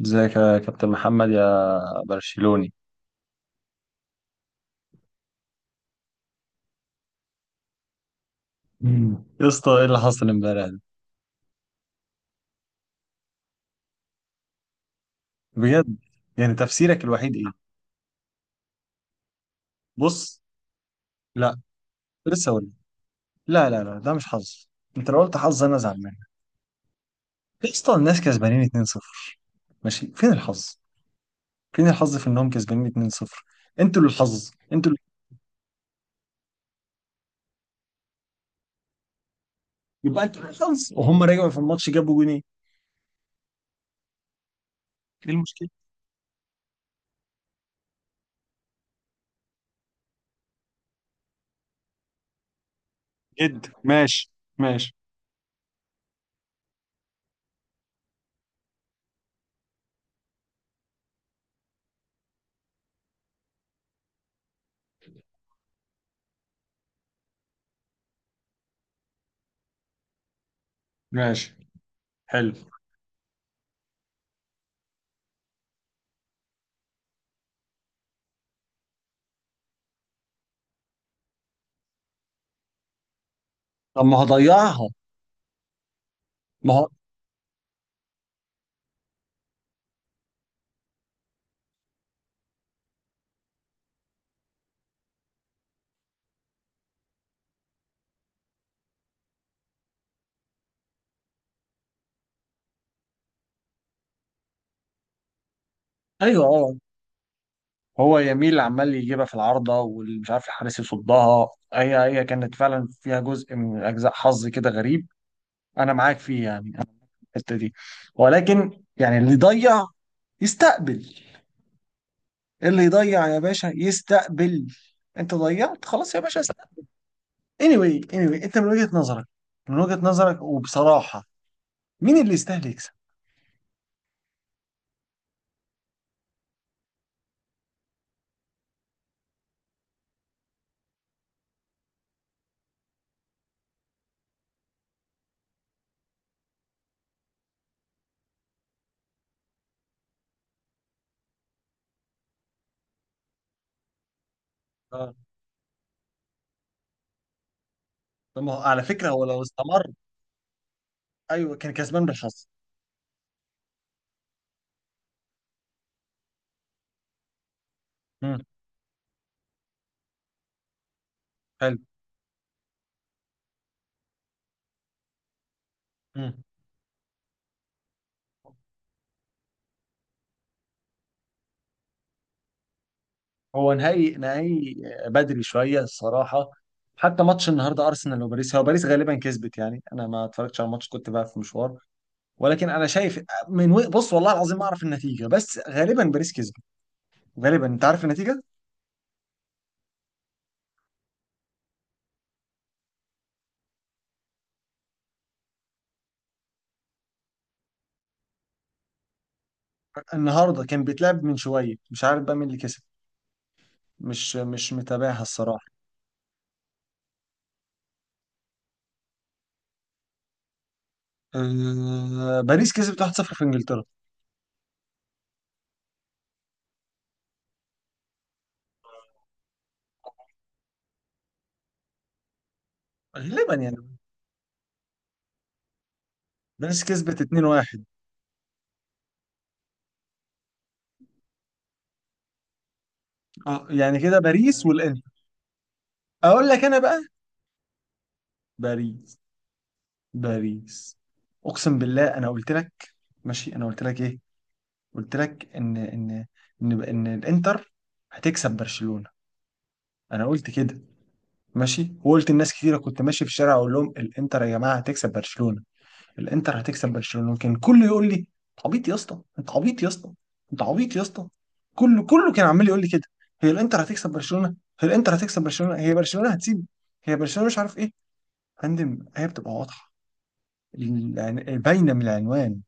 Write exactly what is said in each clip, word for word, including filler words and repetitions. ازيك يا كابتن محمد يا برشلوني. مم. يا اسطى ايه اللي حصل امبارح ده بجد؟ يعني تفسيرك الوحيد ايه؟ بص، لا، لسه اقول لك. لا لا لا ده مش حظ، انت لو قلت حظ انا زعلان. يا اسطى الناس كسبانين اتنين صفر، ماشي، فين الحظ؟ فين الحظ في انهم كسبانين اتنين صفر؟ انتوا اللي الحظ انتوا اللي... يبقى انتوا اللي الحظ وهم رجعوا في الماتش جابوا جونين؟ ايه المشكله؟ جد ماشي. ماشي. ماشي. حلو. طب ما هضيعها. ما هو ايوه اه، هو يميل عمال يجيبها في العارضة واللي مش عارف الحارس يصدها. هي هي كانت فعلا فيها جزء من أجزاء حظ كده غريب، أنا معاك فيه، يعني أنا في الحتة دي. ولكن يعني اللي يضيع يستقبل، اللي يضيع يا باشا يستقبل، أنت ضيعت خلاص يا باشا، استقبل. anyway anyway أنت من وجهة نظرك، من وجهة نظرك وبصراحة، مين اللي يستاهل يكسب؟ اه، طب ما هو على فكرة هو لو استمر، أيوه كان كسبان بالحظ. امم، حلو. مم. هو نهائي نهائي بدري شويه الصراحه. حتى ماتش النهارده ارسنال وباريس، هو باريس غالبا كسبت، يعني انا ما اتفرجتش على الماتش، كنت بقى في مشوار، ولكن انا شايف من و... بص والله العظيم ما اعرف النتيجه بس غالبا باريس كسبت. غالبا انت عارف النتيجه. النهارده كان بيتلعب من شويه، مش عارف بقى مين اللي كسب، مش مش متابعها الصراحه. أه... باريس كسبت واحد صفر في انجلترا، غالبا يعني. باريس كسبت اتنين واحد. اه يعني كده باريس والانتر. اقول لك انا بقى، باريس، باريس، اقسم بالله انا قلت لك، ماشي، انا قلت لك ايه؟ قلت لك ان ان ان ان الانتر هتكسب برشلونة. انا قلت كده، ماشي، وقلت لناس كتيره، كنت ماشي في الشارع اقول لهم، الانتر يا جماعه هتكسب برشلونة، الانتر هتكسب برشلونة. كان كله يقول لي انت عبيط يا اسطى، انت عبيط يا اسطى، انت عبيط يا اسطى. كله كله كان عمال يقول لي كده، هي الانتر هتكسب برشلونة، هي الانتر هتكسب برشلونة، هي برشلونة هتسيب، هي برشلونة مش عارف ايه يا فندم. هي بتبقى واضحه، العن- باينه من العنوان،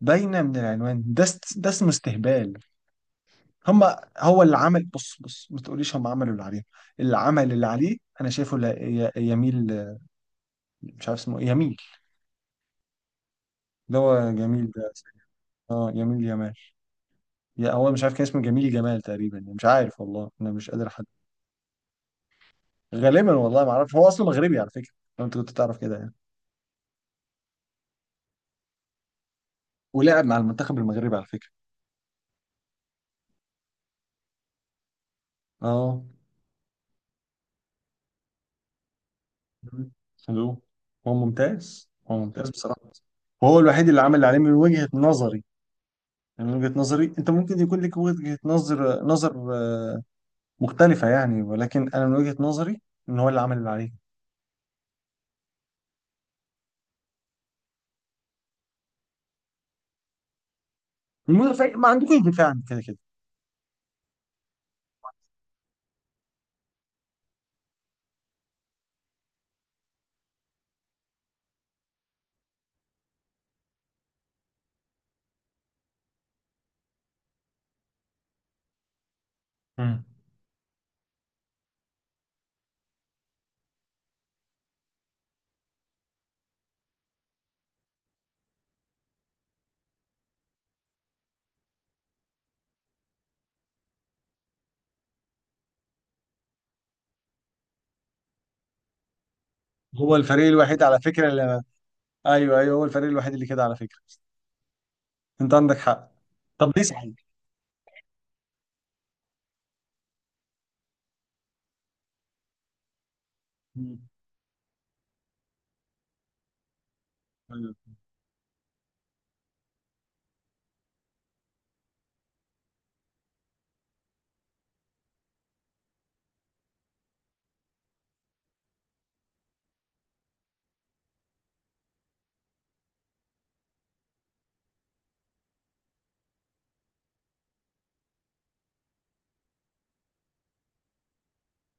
باينه من العنوان، ده است... ده اسمه استهبال. هم هو اللي عمل، بص بص ما تقوليش هم عملوا اللي عليهم، اللي عمل اللي عليه انا شايفه لا... ي... يميل، مش عارف اسمه إيه، يميل اللي هو جميل ده. اه يميل يمال، يا هو مش عارف كان اسمه جميل جمال تقريبا، مش عارف والله انا مش قادر احدد. غالبا والله ما اعرف، هو اصله مغربي على فكره، لو انت كنت تعرف كده يعني. ولعب مع المنتخب المغربي على فكره. اه، حلو. هو ممتاز، هو ممتاز بصراحه. وهو الوحيد اللي عمل اللي عليه من وجهه نظري. يعني من وجهة نظري، انت ممكن يكون لك وجهة نظر نظر آه، مختلفة يعني، ولكن انا من وجهة نظري ان هو اللي عمل اللي عليه. المدافع، ما عندكوش دفاع عن كده كده. مم. هو الفريق الوحيد على فكرة اللي، ايوه ايوه، هو الفريق الوحيد اللي كده على فكرة، انت عندك حق. طب ليه صحيح؟ مم. أيوة.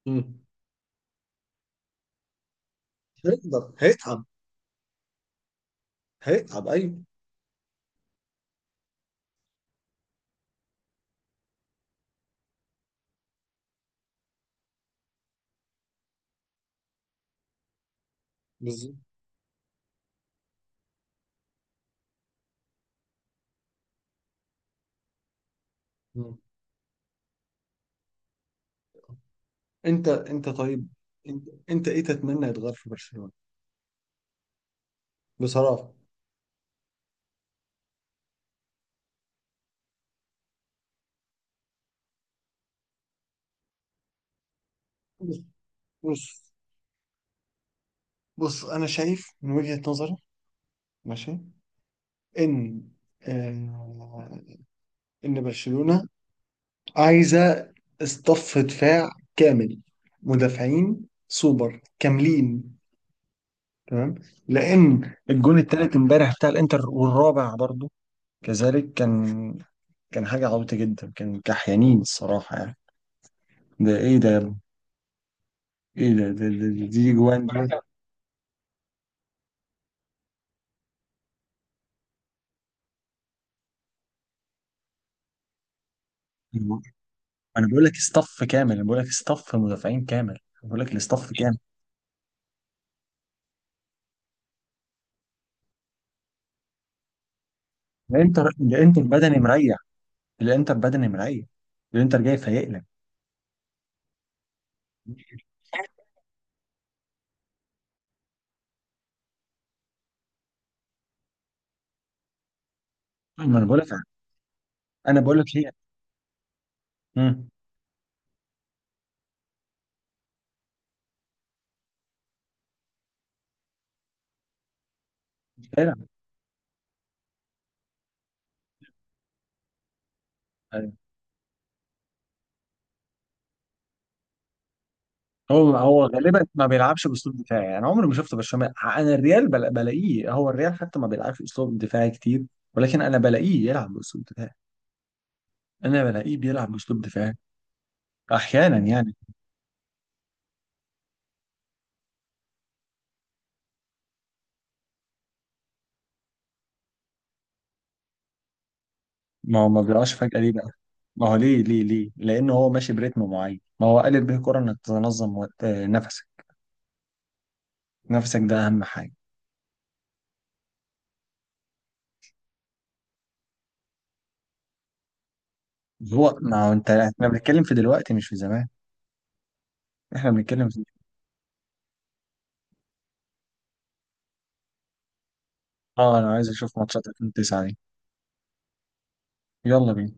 مم. هيقدر هيتعب. هيتعب ايوه. بالظبط. مم. انت انت طيب، انت انت ايه تتمنى يتغير في برشلونة بصراحة؟ بص بص بص انا شايف من وجهة نظري، ماشي، ان آه، ان برشلونة عايزة اصطف دفاع كامل، مدافعين سوبر كاملين، تمام؟ لان الجون التالت امبارح بتاع الانتر والرابع برضو كذلك، كان كان حاجة عبيطة جدا، كان كحيانين الصراحة يعني، ده ايه ده يا ابني؟ ايه ده, ده, ده, ده دي جوان دي. انا بقول لك اصطف كامل، انا بقول لك اصطف مدافعين كامل، انا بقول لك الاصطف كامل. الانتر، الانتر بدني مريح، الانتر بدني مريح، الانتر جاي فايق لك. ما انا بقول لك، انا بقول لك هي، امم، بيلعب. أيوة. هو هو غالبا ما بيلعبش باسلوب دفاعي، يعني عمري ما شفته برشلونه، انا الريال بلا- بلاقيه، هو الريال حتى ما بيلعبش اسلوب دفاعي كتير، ولكن انا بلاقيه يلعب باسلوب دفاعي، انا بلاقيه بيلعب باسلوب دفاعي. احيانا يعني. ما هو ما بيقعش فجاه ليه بقى؟ ما هو ليه ليه ليه؟ لانه هو ماشي بريتم معين، ما هو قالب به الكره انك تنظم وقت- آه، نفسك، نفسك ده اهم حاجه. هو ما هو انت، احنا بنتكلم في دلوقتي مش في زمان، احنا بنتكلم في إيه؟ اه، انا عايز اشوف ماتشات الفين وتسعة دي، يلا بينا.